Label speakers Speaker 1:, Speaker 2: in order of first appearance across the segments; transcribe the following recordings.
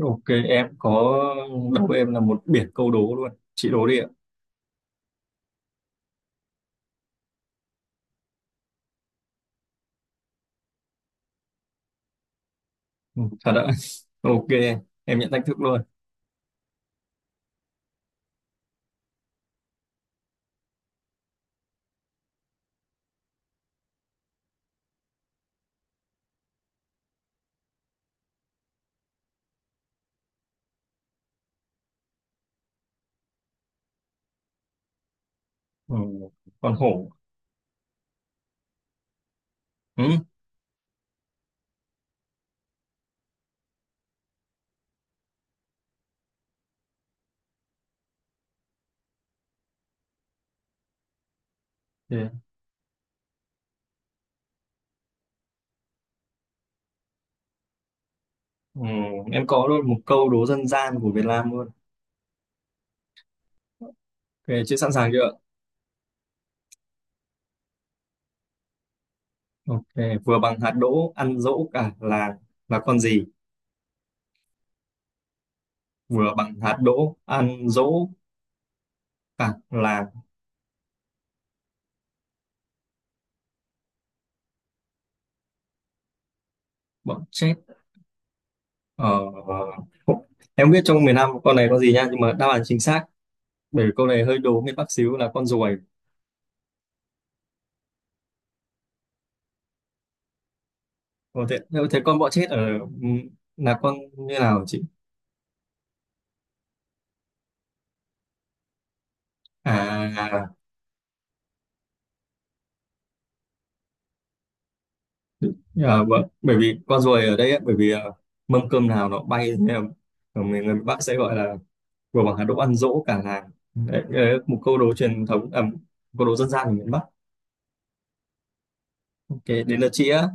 Speaker 1: Ok, em có đố. Em là một biển câu đố luôn, chị đố đi ạ. Ừ, Thật ạ? Ok, em nhận thách thức luôn. ừ, con hổ. Ừ, thế à? Ừ, em có luôn một câu đố dân gian của Việt Nam luôn. Ok chị sẵn sàng chưa ạ? Ok, vừa bằng hạt đỗ ăn dỗ cả làng, là con gì? Vừa bằng hạt đỗ ăn dỗ cả làng. Bọn chết. ờ, em không biết trong miền Nam con này có gì nha, nhưng mà đáp án chính xác, bởi vì câu này hơi đố miền Bắc xíu, là con ruồi. Ồ, thế, nếu thế con bọ chết ở ừ, là con như nào chị? À, à, à, vâng. Bởi vì con ruồi ở đây ấy, bởi vì mâm cơm nào nó bay, nên là ở mình người Bắc sẽ gọi là vừa bằng hạt đỗ ăn dỗ cả làng. Đấy, đấy là một câu đố truyền thống, à, một câu đố dân gian của miền Bắc. Ok, đến lượt chị á.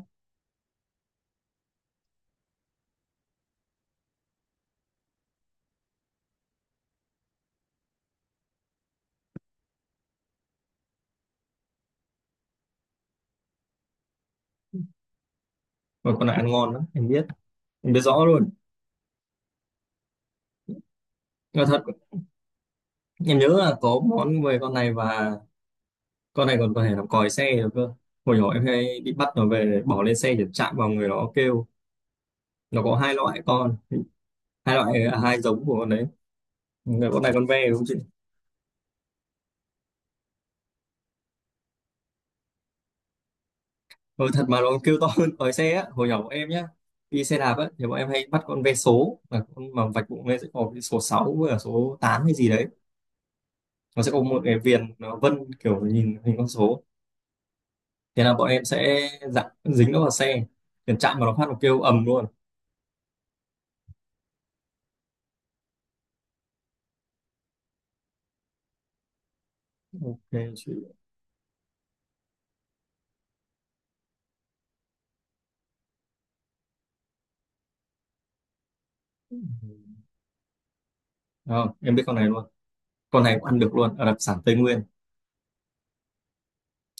Speaker 1: Mà con này ăn ngon lắm, em biết rõ luôn. Nhưng mà thật, em nhớ là có món về con này, và con này còn có thể làm còi xe được cơ. Hồi nhỏ em hay bị bắt nó về để bỏ lên xe, để chạm vào người nó kêu. Nó có hai loại con, hai loại hai giống của con đấy. Người con này con ve đúng không chị? Ừ, Thật mà nó kêu to hơn còi xe á. Hồi nhỏ bọn em nhá, đi xe đạp á, thì bọn em hay bắt con ve số, là con mà vạch bụng lên sẽ có cái số 6 với cả số 8 hay gì đấy. Nó sẽ có một cái viền, nó vân kiểu nhìn hình con số. Thế là bọn em sẽ dặn dính nó vào xe, tiền chạm vào nó phát nó kêu ầm luôn. Ok chị. Đó, em biết con này luôn. Con này cũng ăn được luôn, ở đặc sản Tây Nguyên.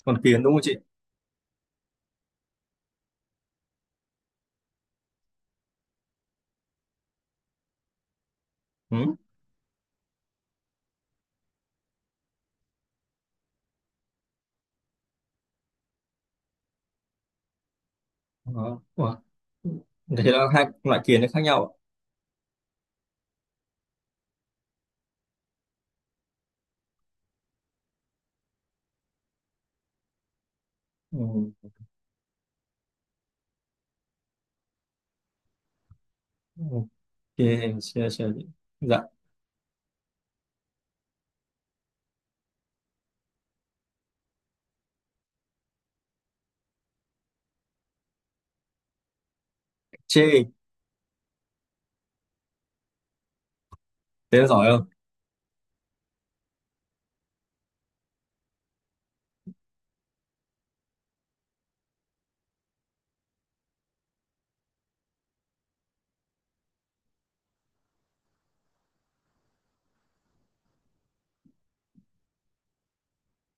Speaker 1: Con kiến đúng không chị? Ừ. Đó. Ủa? Thế là hai loại kiến nó khác nhau ạ. Ừ. Chê, chê, chê. Dạ, chê. Thế là giỏi không?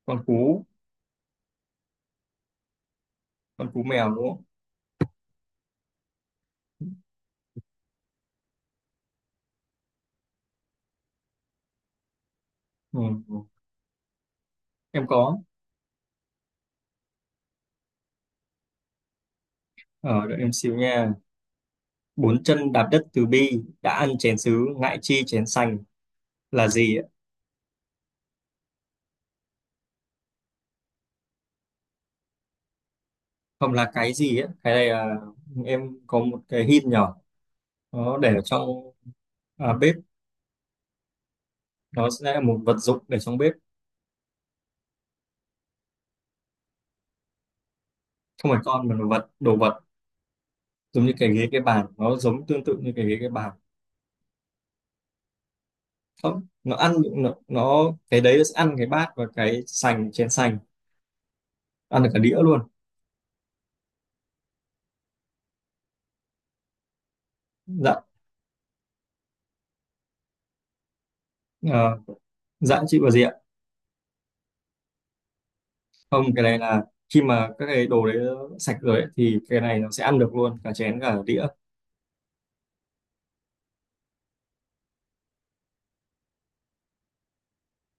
Speaker 1: Con cú, con cú mèo đúng không? Ừ. Em có. Ở đợi em xíu nha. Bốn chân đạp đất từ bi, đã ăn chén sứ, ngại chi chén sành, là gì ạ? Không, là cái gì á? Cái này là em có một cái hint nhỏ. Nó để ở trong bếp. Nó sẽ là một vật dụng để trong bếp. Không phải con mà là vật, đồ vật. Giống như cái ghế, cái bàn. Nó giống tương tự như cái ghế, cái bàn. Không, nó ăn, nó cái đấy nó sẽ ăn cái bát và cái sành, chén sành, ăn được cả đĩa luôn. Dạ. ờ, dạ chị và gì ạ? Không, cái này là khi mà các cái đồ đấy sạch rồi ấy, thì cái này nó sẽ ăn được luôn cả chén cả đĩa.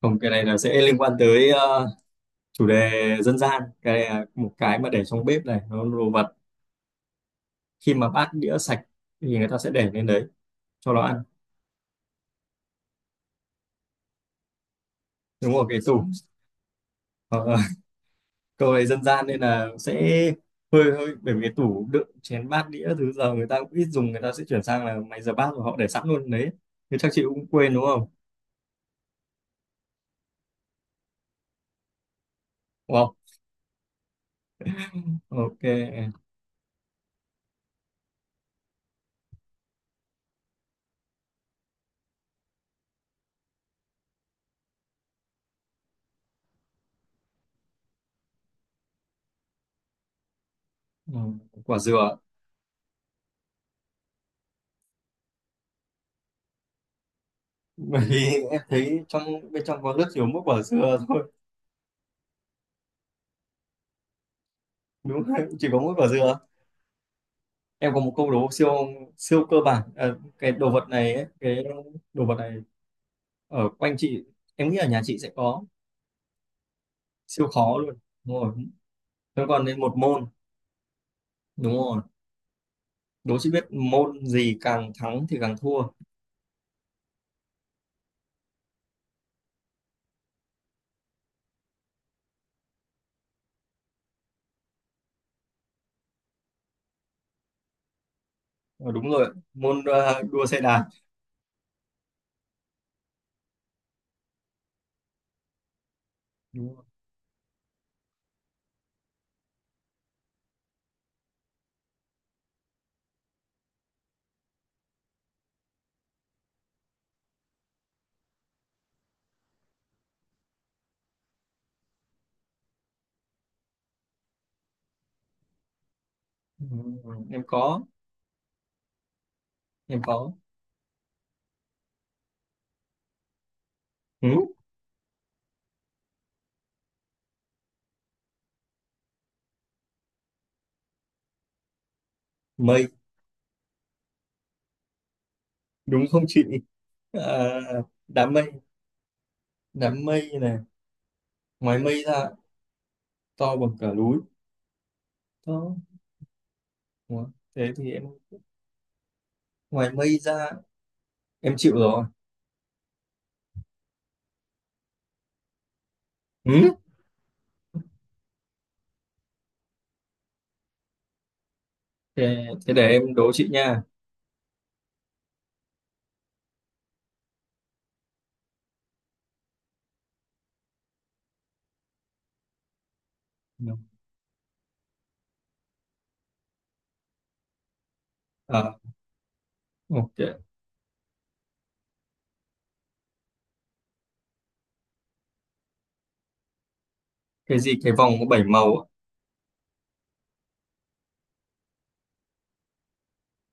Speaker 1: Không, cái này là sẽ liên quan tới chủ đề dân gian. Cái này là một cái mà để trong bếp này, nó là đồ vật. Khi mà bát đĩa sạch thì người ta sẽ để lên đấy cho nó ăn. Đúng rồi, cái tủ. Ờ, câu này dân gian nên là sẽ hơi hơi bởi vì cái tủ đựng chén bát đĩa thứ giờ người ta cũng ít dùng, người ta sẽ chuyển sang là máy rửa bát và họ để sẵn luôn đấy. Thế chắc chị cũng quên đúng không? Wow, ok. ừ, Quả dừa. Bởi vì em thấy trong bên trong có rất nhiều, mỗi quả dừa thôi. Đúng không? Chỉ có mỗi quả dừa. Em có một câu đố siêu, siêu cơ bản. Ờ, cái đồ vật này ấy, cái đồ vật này ở quanh chị, em nghĩ ở nhà chị sẽ có. Siêu khó luôn. Đúng rồi, nó còn đến một môn. Đúng rồi, đố chị biết môn gì càng thắng thì càng thua. Ờ, đúng rồi môn đua xe đạp. Đúng rồi. Ừ, em có, em có. ừ, Mây, đúng không chị? Ờ, đám mây, đám mây này ngoài mây ra to bằng cả núi đó, đó. Thế thì em ngoài mây ra em chịu rồi. Ừ? Thế, để em đố chị nha. À, ok. Cái gì cái vòng có bảy màu á?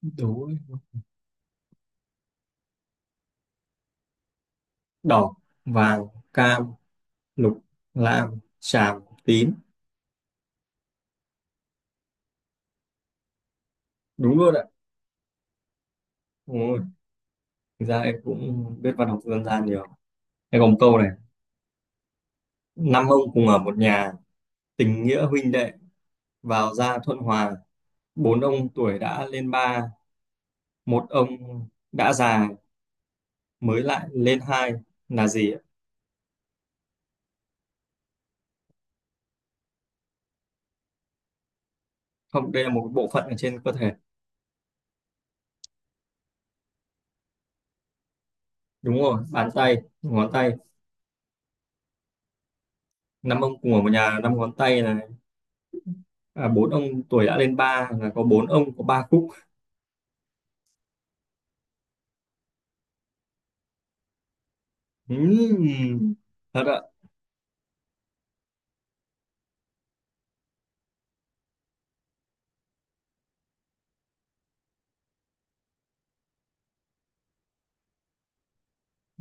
Speaker 1: Đố em. Đỏ, vàng, cam, lục, lam, xám, tím. Đúng luôn ạ. Ôi, thực ra em cũng biết văn học dân gian nhiều. Em còn một câu này. Năm ông cùng ở một nhà, tình nghĩa huynh đệ vào ra thuận hòa, bốn ông tuổi đã lên ba, một ông đã già mới lại lên hai, là gì ạ? Không, đây là một bộ phận ở trên cơ thể. Đúng rồi, bàn tay, ngón tay. Năm ông cùng ở một nhà, năm ngón tay là bốn ông tuổi đã lên ba là có bốn ông có ba khúc. Ừm, thật ạ.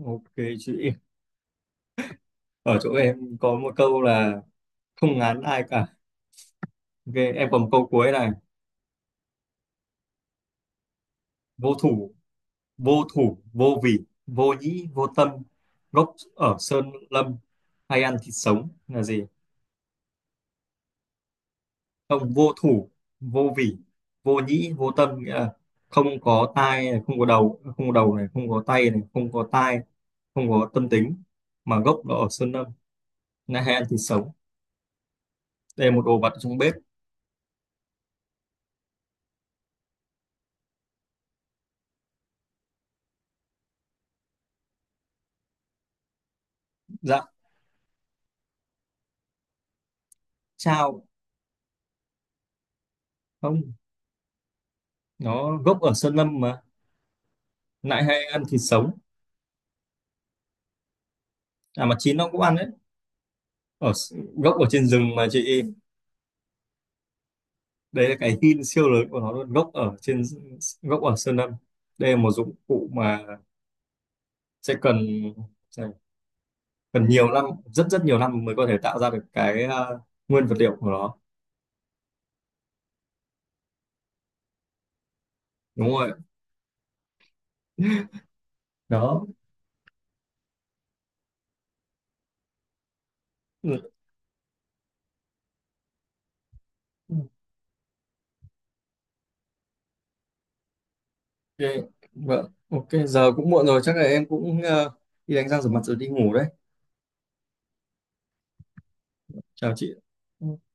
Speaker 1: Ok chị, ở chỗ em có một câu là không ngán ai cả. Ok, em còn một câu cuối này. vô thủ Vô thủ vô vị, vô nhĩ vô tâm, gốc ở sơn lâm, hay ăn thịt sống, là gì? Không, vô thủ vô vị, vô nhĩ vô tâm nghĩa là không có tai này, không có đầu, không có đầu này không có tay này, không có tai, không có tâm tính, mà gốc nó ở sơn lâm, na hẹn thì sống. Đây là một đồ vật trong bếp. Dạ. Chao. Không, nó gốc ở sơn lâm mà, nại hay ăn thịt sống. À mà chín nó cũng ăn đấy. Ở gốc ở trên rừng mà chị, đây là cái hin siêu lớn của nó luôn, gốc ở trên, gốc ở sơn lâm. Đây là một dụng cụ mà sẽ cần, sẽ cần nhiều năm, rất rất nhiều năm mới có thể tạo ra được cái nguyên vật liệu của nó. Đúng rồi đó. Ừ, ok. Vâng, ok giờ cũng muộn rồi, chắc là em cũng đi đánh răng rửa mặt rồi đi ngủ đấy. Chào chị. Ừ.